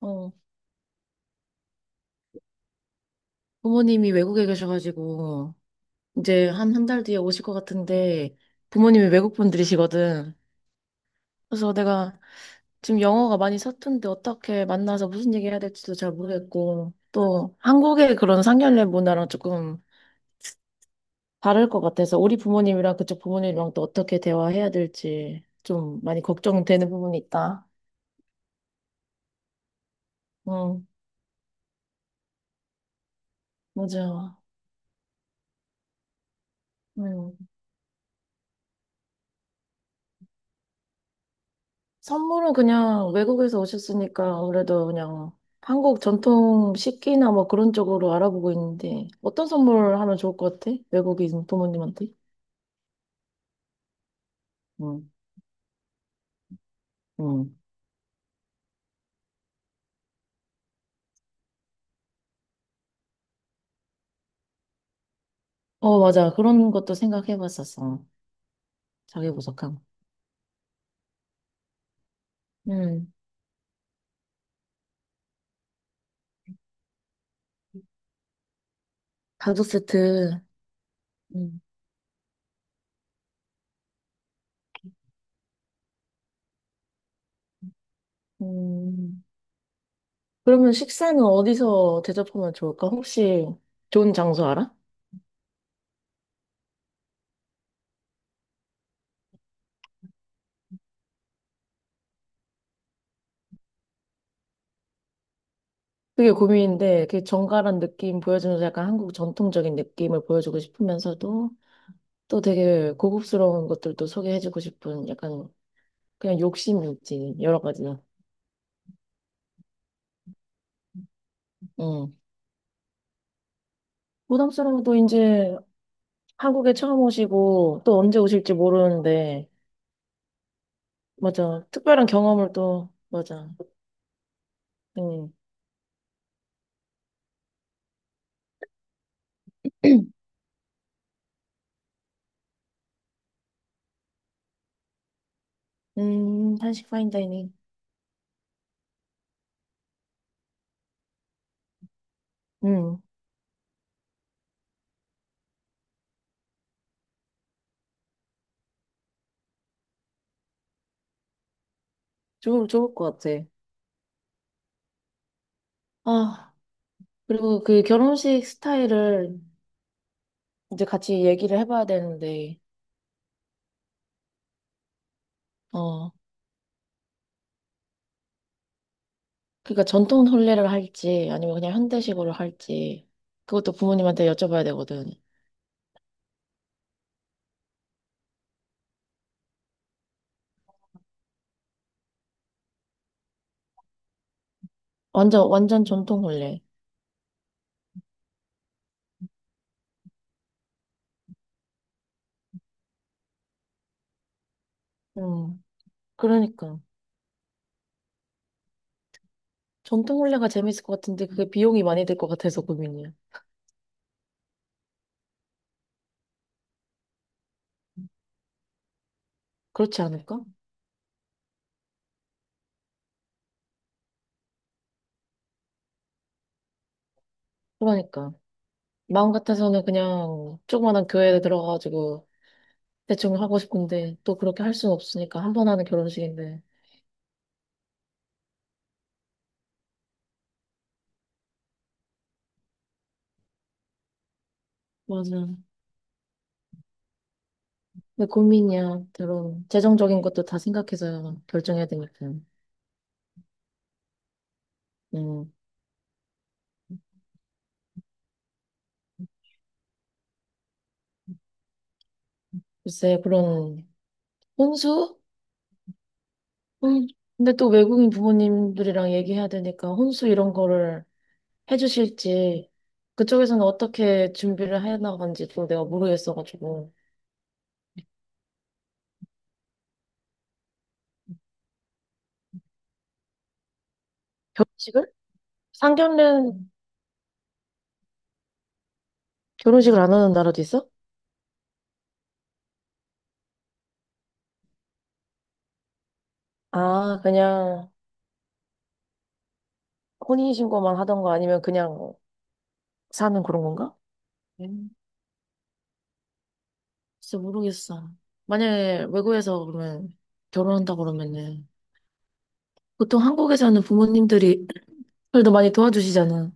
어, 부모님이 외국에 계셔가지고, 이제 한 한 달 뒤에 오실 것 같은데, 부모님이 외국 분들이시거든. 그래서 내가 지금 영어가 많이 서툰데 어떻게 만나서 무슨 얘기 해야 될지도 잘 모르겠고, 또 한국의 그런 상견례 문화랑 조금 다를 것 같아서, 우리 부모님이랑 그쪽 부모님이랑 또 어떻게 대화해야 될지 좀 많이 걱정되는 부분이 있다. 응, 맞아. 응. 선물은 그냥 외국에서 오셨으니까 아무래도 그냥 한국 전통 식기나 뭐 그런 쪽으로 알아보고 있는데 어떤 선물 하면 좋을 것 같아? 외국인 부모님한테? 응, 응. 어, 맞아. 그런 것도 생각해 봤었어. 자기 보석함. 응. 가족 세트. 응. 음. 그러면 식사는 어디서 대접하면 좋을까? 혹시 좋은 장소 알아? 그게 고민인데, 그 정갈한 느낌 보여주면서 약간 한국 전통적인 느낌을 보여주고 싶으면서도 또 되게 고급스러운 것들도 소개해주고 싶은 약간 그냥 욕심이 있지, 여러 가지. 응. 부담스러워도 이제 한국에 처음 오시고 또 언제 오실지 모르는데, 맞아. 특별한 경험을 또, 맞아. 응. 한식 파인다이닝. 응. 좋을 것 같아. 아, 그리고 그 결혼식 스타일을 이제 같이 얘기를 해봐야 되는데, 어, 그러니까 전통 혼례를 할지, 아니면 그냥 현대식으로 할지, 그것도 부모님한테 여쭤봐야 되거든. 완전 전통혼례. 음, 그러니까. 전통혼례가 재밌을 것 같은데 그게 비용이 많이 들 것 같아서 고민이야. 그렇지 않을까? 그러니까. 마음 같아서는 그냥 조그만한 교회에 들어가가지고 대충 하고 싶은데 또 그렇게 할 수는 없으니까 한 번 하는 결혼식인데. 맞아. 근데 고민이야. 결혼. 재정적인 것도 다 생각해서 결정해야 되니까. 음, 글쎄, 그런 혼수? 음, 근데 또 외국인 부모님들이랑 얘기해야 되니까 혼수 이런 거를 해주실지 그쪽에서는 어떻게 준비를 해나간지 또 내가 모르겠어가지고 결혼식을? 상견례는 결혼식을 안 하는 나라도 있어? 아 그냥 혼인신고만 하던 거 아니면 그냥 사는 그런 건가? 음, 진짜 모르겠어. 만약에 외국에서 그러면 결혼한다 그러면은 보통 한국에서는 부모님들이 그래도 많이 도와주시잖아.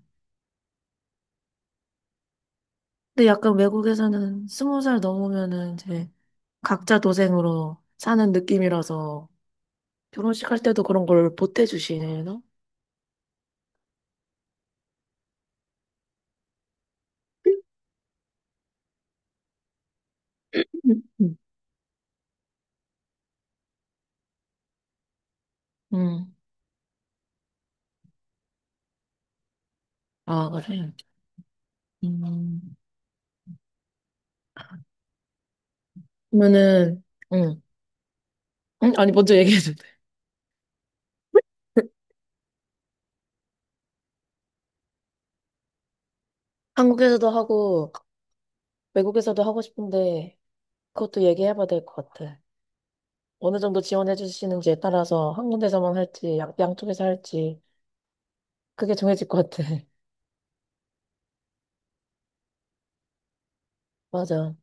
근데 약간 외국에서는 스무 살 넘으면은 이제 각자 도생으로 사는 느낌이라서 결혼식 할 때도 그런 걸 보태주시나? 음. 응. 아, 그래. 음. 그러면은, 응. 응? 아니, 먼저 얘기해도 돼. 한국에서도 하고, 외국에서도 하고 싶은데, 그것도 얘기해봐야 될 것 같아. 어느 정도 지원해 주시는지에 따라서 한 군데서만 할지, 양쪽에서 할지, 그게 정해질 것 같아. 맞아.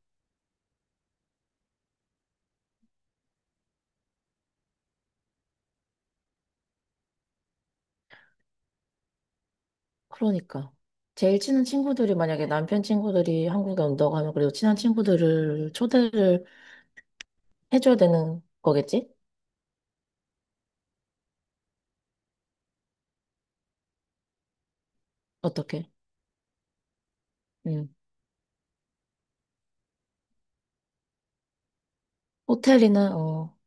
그러니까. 제일 친한 친구들이 만약에 남편 친구들이 한국에 온다고 하면 그래도 친한 친구들을 초대를 해줘야 되는 거겠지? 어떻게? 응. 호텔이나, 어,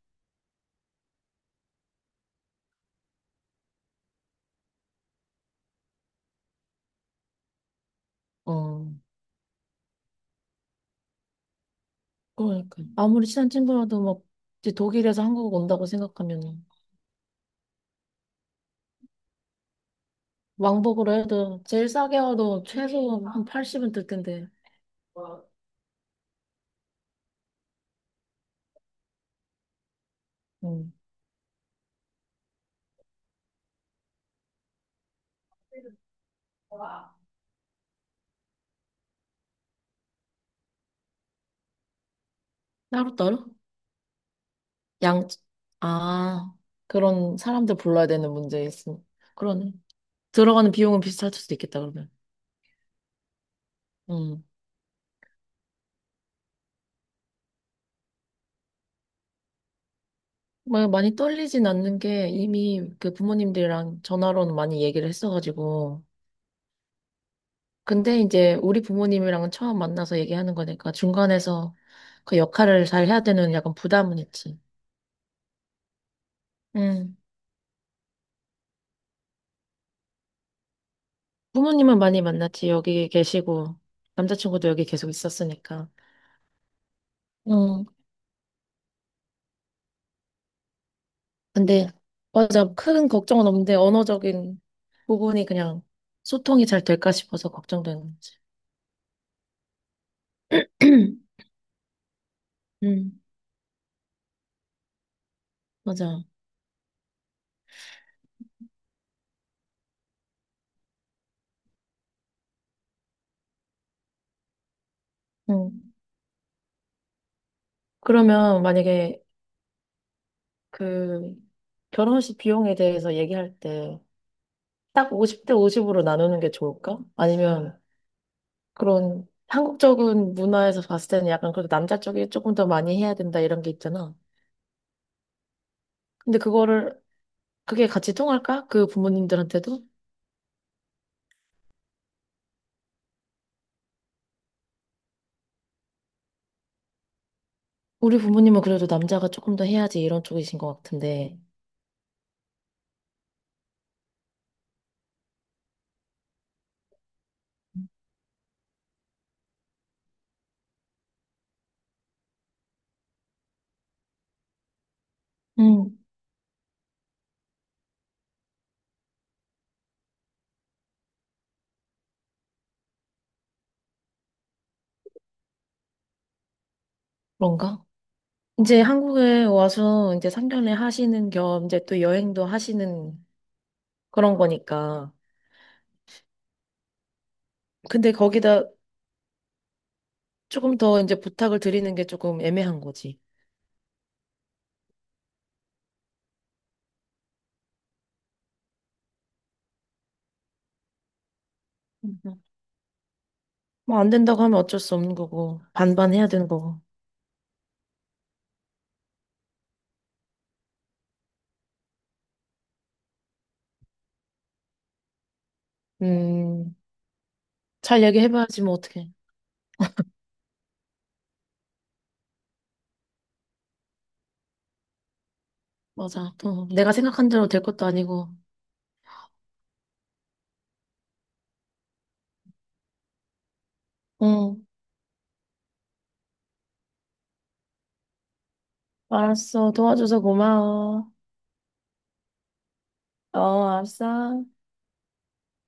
어. 그러니까. 아무리 친한 친구라도 막, 이제 독일에서 한국 온다고 생각하면, 왕복으로 해도, 제일 싸게 와도 최소 한 80은 들 텐데. 음. 따로따로? 양, 아, 그런 사람들 불러야 되는 문제 있음. 그러네. 들어가는 비용은 비슷할 수도 있겠다, 그러면. 음. 뭐, 많이 떨리진 않는 게 이미 그 부모님들이랑 전화로는 많이 얘기를 했어가지고, 근데 이제 우리 부모님이랑은 처음 만나서 얘기하는 거니까 중간에서 그 역할을 잘 해야 되는 약간 부담은 있지. 음. 부모님은 많이 만났지. 여기 계시고 남자친구도 여기 계속 있었으니까. 응. 근데 맞아. 큰 걱정은 없는데 언어적인 부분이 그냥 소통이 잘 될까 싶어서 걱정되는 거지. 응. 맞아. 음. 그러면 만약에 그 결혼식 비용에 대해서 얘기할 때 딱 50대 50으로 나누는 게 좋을까? 아니면 그런 한국적인 문화에서 봤을 때는 약간 그래도 남자 쪽이 조금 더 많이 해야 된다 이런 게 있잖아. 근데 그거를 그게 같이 통할까? 그 부모님들한테도? 우리 부모님은 그래도 남자가 조금 더 해야지 이런 쪽이신 것 같은데. 음. 그런가? 이제 한국에 와서 이제 상년에 하시는 겸 이제 또 여행도 하시는 그런 거니까. 근데 거기다 조금 더 이제 부탁을 드리는 게 조금 애매한 거지. 뭐 안 된다고 하면 어쩔 수 없는 거고 반반 해야 되는 거고. 음, 잘 얘기해봐야지 뭐 어떡해. 맞아. 또 내가 생각한 대로 될 것도 아니고. 응, 알았어. 도와줘서 고마워. 어, 알았어.